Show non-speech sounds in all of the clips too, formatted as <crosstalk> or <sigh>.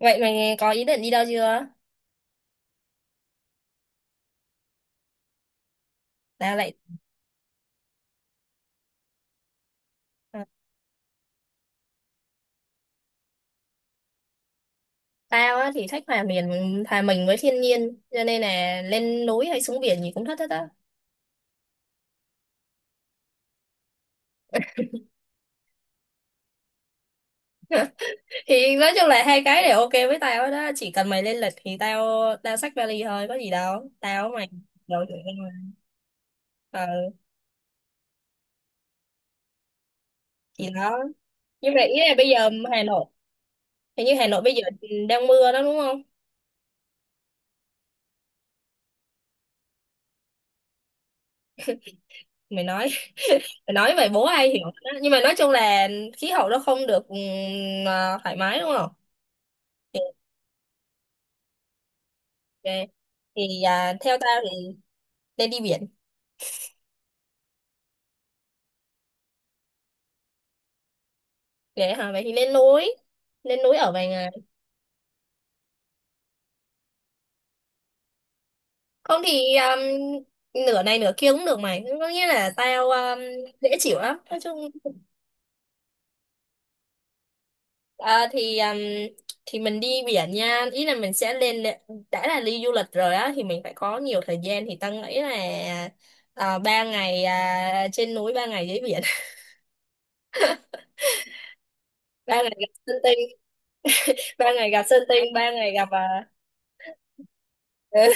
Vậy mày có ý định đi đâu chưa? Tao lại à, tao á thì thích hòa mình với thiên nhiên cho nên là lên núi hay xuống biển gì cũng thích hết á. Thì nói chung là hai cái đều ok với tao đó, chỉ cần mày lên lịch thì tao tao xách vali thôi, có gì đâu. Tao với mày đâu rồi. Ờ thì đó. Nhưng mà ý là bây giờ Hà Nội, hình như Hà Nội bây giờ đang mưa đó đúng không? Mày nói <laughs> mày nói vậy bố ai hiểu đó. Nhưng mà nói chung là khí hậu nó không được thoải mái đúng không? Thì- ờ, thì theo tao thì lên đi biển để hả vậy thì lên núi, lên núi ở vài ngày. Không thì nửa này nửa kia cũng được mày, có nghĩa là tao dễ chịu lắm nói chung. à, thì um, thì mình đi biển nha, ý là mình sẽ lên, đã là đi du lịch rồi á thì mình phải có nhiều thời gian thì tao nghĩ là ba ngày, trên núi ba ngày dưới biển. <laughs> Ba ngày gặp sơn tinh, ba ngày gặp sơn tinh, ba ngày gặp à, <laughs> ừ.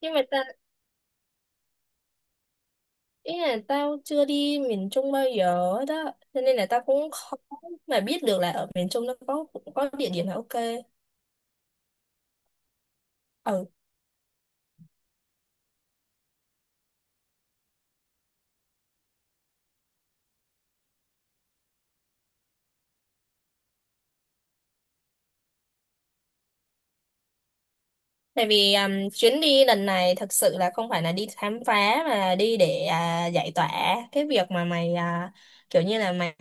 Nhưng mà ý là tao chưa đi miền Trung bao giờ hết á. Cho nên là tao cũng khó mà biết được là ở miền Trung nó có cũng có địa điểm là ok. Ừ. Tại vì chuyến đi lần này thật sự là không phải là đi khám phá mà đi để giải tỏa cái việc mà mày kiểu như là mày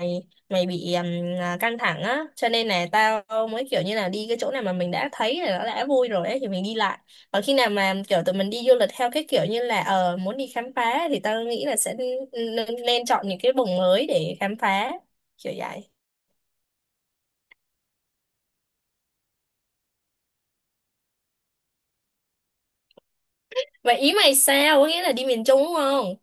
mày bị căng thẳng á, cho nên là tao mới kiểu như là đi cái chỗ nào mà mình đã thấy là nó đã vui rồi ấy thì mình đi lại. Còn khi nào mà kiểu tụi mình đi du lịch theo cái kiểu như là ờ muốn đi khám phá thì tao nghĩ là sẽ nên chọn những cái vùng mới để khám phá, kiểu vậy. Vậy ý mày sao? Có nghĩa là đi miền Trung đúng không?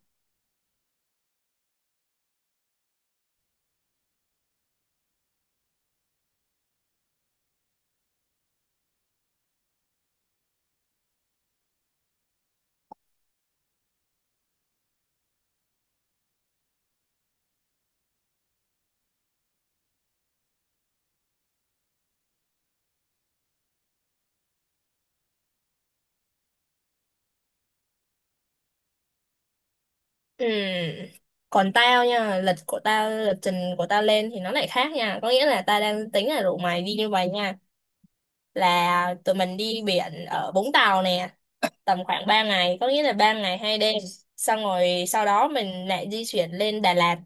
Ừ. Còn tao nha, lịch của tao, lịch trình của tao lên thì nó lại khác nha. Có nghĩa là tao đang tính là rủ mày đi như vậy nha. Là tụi mình đi biển ở Vũng Tàu nè, tầm khoảng 3 ngày, có nghĩa là 3 ngày 2 đêm. Xong rồi sau đó mình lại di chuyển lên Đà Lạt.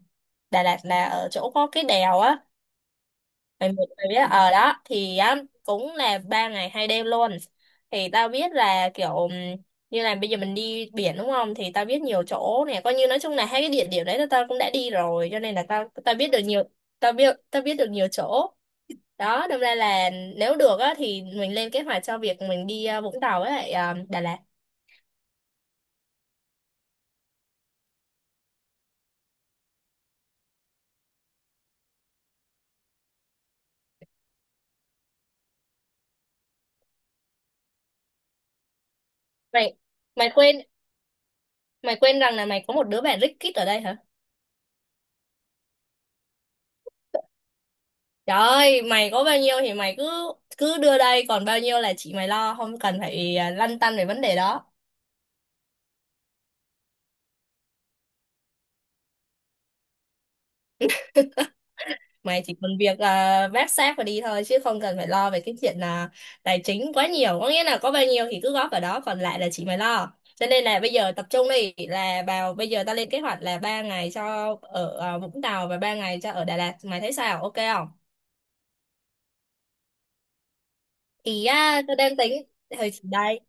Đà Lạt là ở chỗ có cái đèo á, mày biết ở đó thì á, cũng là ba ngày hai đêm luôn, thì tao biết là kiểu như là bây giờ mình đi biển đúng không, thì tao biết nhiều chỗ này, coi như nói chung là hai cái địa điểm đấy là tao cũng đã đi rồi cho nên là tao tao biết được nhiều, tao biết được nhiều chỗ, đó đâm ra là nếu được á thì mình lên kế hoạch cho việc mình đi Vũng Tàu với lại Đà Lạt. Mày mày quên Mày quên rằng là mày có một đứa bạn rất kít ở đây hả. Trời ơi, mày có bao nhiêu thì mày cứ cứ đưa đây, còn bao nhiêu là chị mày lo, không cần phải lăn tăn về vấn đề đó. Mày chỉ cần việc vác xác và đi thôi, chứ không cần phải lo về cái chuyện là tài chính quá nhiều. Có nghĩa là có bao nhiêu thì cứ góp vào đó, còn lại là chị mày lo. Cho nên là bây giờ tập trung đi, là vào bây giờ ta lên kế hoạch là ba ngày cho ở Vũng Tàu và ba ngày cho ở Đà Lạt. Mày thấy sao? Ok không? Thì tao đang tính thời đây.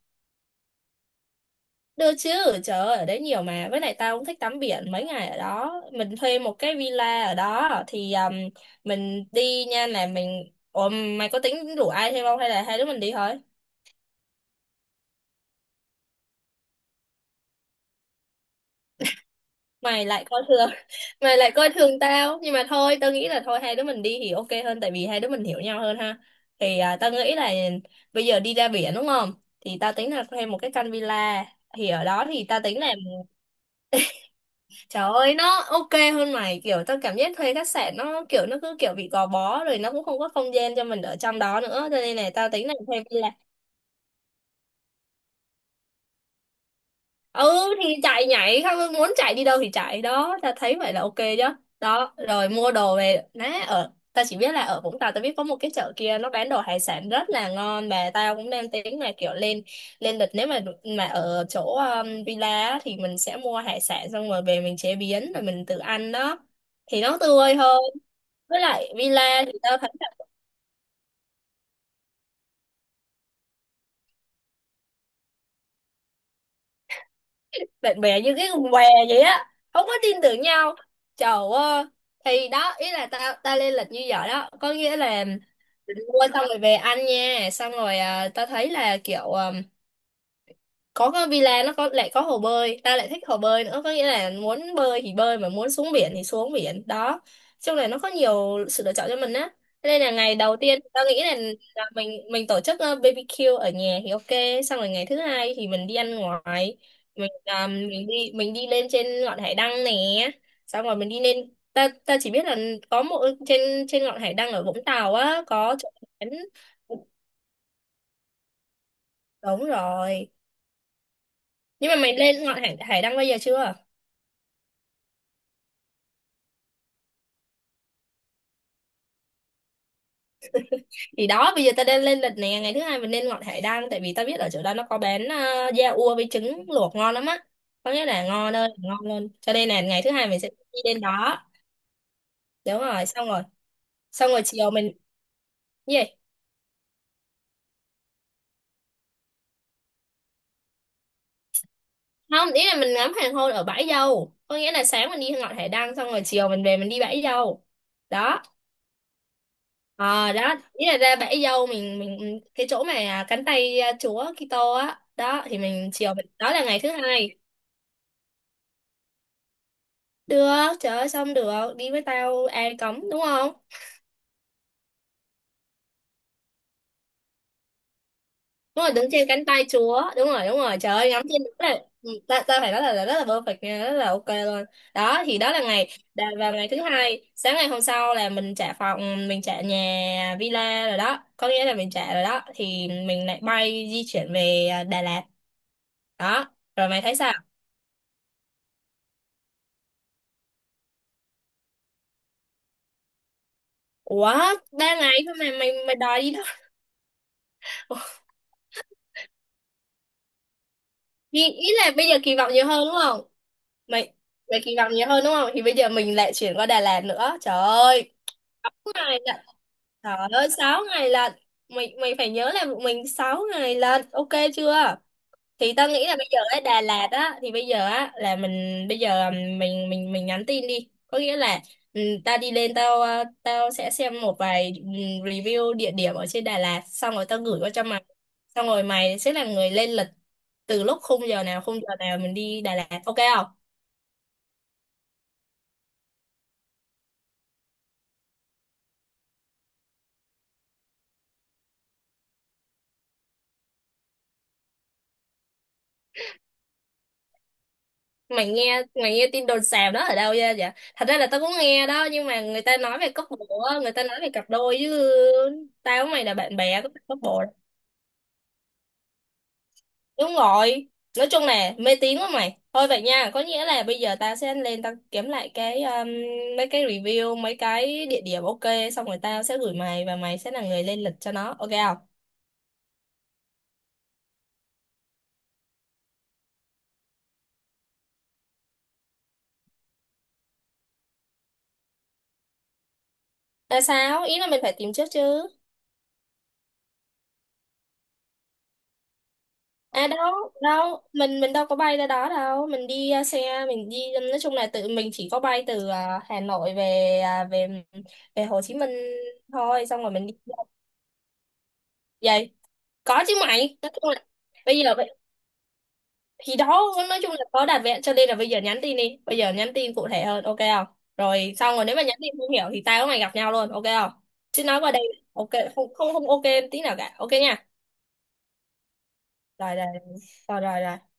Được chứ, trời ơi, ở đấy nhiều mà. Với lại tao cũng thích tắm biển mấy ngày ở đó. Mình thuê một cái villa ở đó thì mình đi nha là mình... Ủa, mày có tính rủ ai thêm không hay là hai đứa mình đi thôi? Mày lại coi thường, <laughs> mày lại coi thường tao. Nhưng mà thôi, tao nghĩ là thôi hai đứa mình đi thì ok hơn tại vì hai đứa mình hiểu nhau hơn ha. Thì tao nghĩ là bây giờ đi ra biển đúng không? Thì tao tính là thuê một cái căn villa. Thì ở đó thì tao tính là trời ơi nó ok hơn mày, kiểu tao cảm giác thuê khách sạn nó kiểu nó cứ kiểu bị gò bó, rồi nó cũng không có không gian cho mình ở trong đó nữa, cho nên là tao tính là thuê villa. Ừ thì chạy nhảy không, muốn chạy đi đâu thì chạy đó, tao thấy vậy là ok chứ. Đó rồi mua đồ về nè, ở tao chỉ biết là ở Vũng Tàu tao biết có một cái chợ kia nó bán đồ hải sản rất là ngon và tao cũng đang tính là kiểu lên, lên lịch nếu mà ở chỗ villa á, thì mình sẽ mua hải sản xong rồi về mình chế biến rồi mình tự ăn đó thì nó tươi hơn. Với lại villa thì tao thấy là bạn bè như cái con què vậy á, không có tin tưởng nhau, trời ơi. Thì đó, ý là tao tao lên lịch như vậy đó, có nghĩa là mình mua xong rồi về ăn nha, xong rồi tao thấy là kiểu có cái villa nó có lại có hồ bơi, ta lại thích hồ bơi nữa, có nghĩa là muốn bơi thì bơi mà muốn xuống biển thì xuống biển đó, chung là nó có nhiều sự lựa chọn cho mình á. Thế nên là ngày đầu tiên tao nghĩ là mình tổ chức BBQ ở nhà thì ok, xong rồi ngày thứ hai thì mình đi ăn ngoài, mình đi đi lên trên ngọn hải đăng nè, xong rồi mình đi lên, ta ta chỉ biết là có một, trên trên ngọn hải đăng ở Vũng Tàu á có chỗ bán- đúng rồi. Nhưng mà mày lên ngọn hải đăng bây giờ chưa? Thì đó, bây giờ ta đang lên lịch nè, ngày thứ hai mình nên ngọn hải đăng tại vì ta biết ở chỗ đó nó có bán da ua với trứng luộc ngon lắm á, có nghĩa là ngon ơi ngon luôn, cho nên là ngày thứ hai mình sẽ đi đến đó. Đúng rồi, xong rồi, xong rồi chiều mình gì không, ý là mình ngắm hoàng hôn ở bãi dâu, có nghĩa là sáng mình đi ngọn hải đăng xong rồi chiều mình về mình đi bãi dâu đó. Ờ đó ý là ra bãi dâu, mình cái chỗ mà cánh tay chúa Kitô á đó thì mình chiều mình, đó là ngày thứ hai. Được, trời ơi xong được, đi với tao ai cấm đúng không? Đúng rồi, đứng trên cánh tay chúa, đúng rồi, trời ơi ngắm trên đó là ừ, ta, ta phải nói là rất là perfect nha, rất là ok luôn. Đó thì đó là ngày vào ngày thứ hai, sáng ngày hôm sau là mình trả phòng, mình trả nhà villa rồi đó, có nghĩa là mình trả rồi đó thì mình lại bay di chuyển về Đà Lạt. Đó, rồi mày thấy sao? Ủa, ba ngày thôi mà mày mày đòi đi đâu? <laughs> Ý, ý là bây giờ kỳ vọng nhiều hơn đúng mày mày kỳ vọng nhiều hơn đúng không, thì bây giờ mình lại chuyển qua Đà Lạt nữa, trời ơi, sáu ngày lận, trời ơi sáu ngày lận, mày mày phải nhớ là bọn mình sáu ngày lận, ok chưa? Thì tao nghĩ là bây giờ ở Đà Lạt á thì bây giờ á là mình bây giờ mình nhắn tin đi, có nghĩa là tao đi lên tao tao sẽ xem một vài review địa điểm ở trên Đà Lạt xong rồi tao gửi qua cho mày, xong rồi mày sẽ là người lên lịch từ lúc khung giờ nào mình đi Đà Lạt ok không? Mày nghe tin đồn xào đó ở đâu ra vậy? Dạ, thật ra là tao cũng nghe đó nhưng mà người ta nói về cốc bộ á, người ta nói về cặp đôi chứ tao với mày là bạn bè, có phải cốc bộ. Đúng rồi, nói chung là mê tín quá mày, thôi vậy nha, có nghĩa là bây giờ tao sẽ lên tao kiếm lại cái mấy cái review mấy cái địa điểm ok, xong rồi tao sẽ gửi mày và mày sẽ là người lên lịch cho nó, ok không? Là sao, ý là mình phải tìm trước chứ. À đâu, đâu, mình đâu có bay ra đó đâu, mình đi xe, mình đi nói chung là tự mình chỉ có bay từ Hà Nội về ờ, về về Hồ Chí Minh thôi, xong rồi mình đi vậy. Có chứ mày, nói chung là bây giờ vậy- thì đó nói chung là có đặt vẹn cho nên là bây giờ nhắn tin đi, bây giờ nhắn tin cụ thể hơn ok không? Rồi xong rồi nếu mà nhắn tin không hiểu thì tao với mày gặp nhau luôn, ok không? Chứ nói qua đây ok không không không ok tí nào cả. Ok nha. Rồi rồi rồi rồi rồi.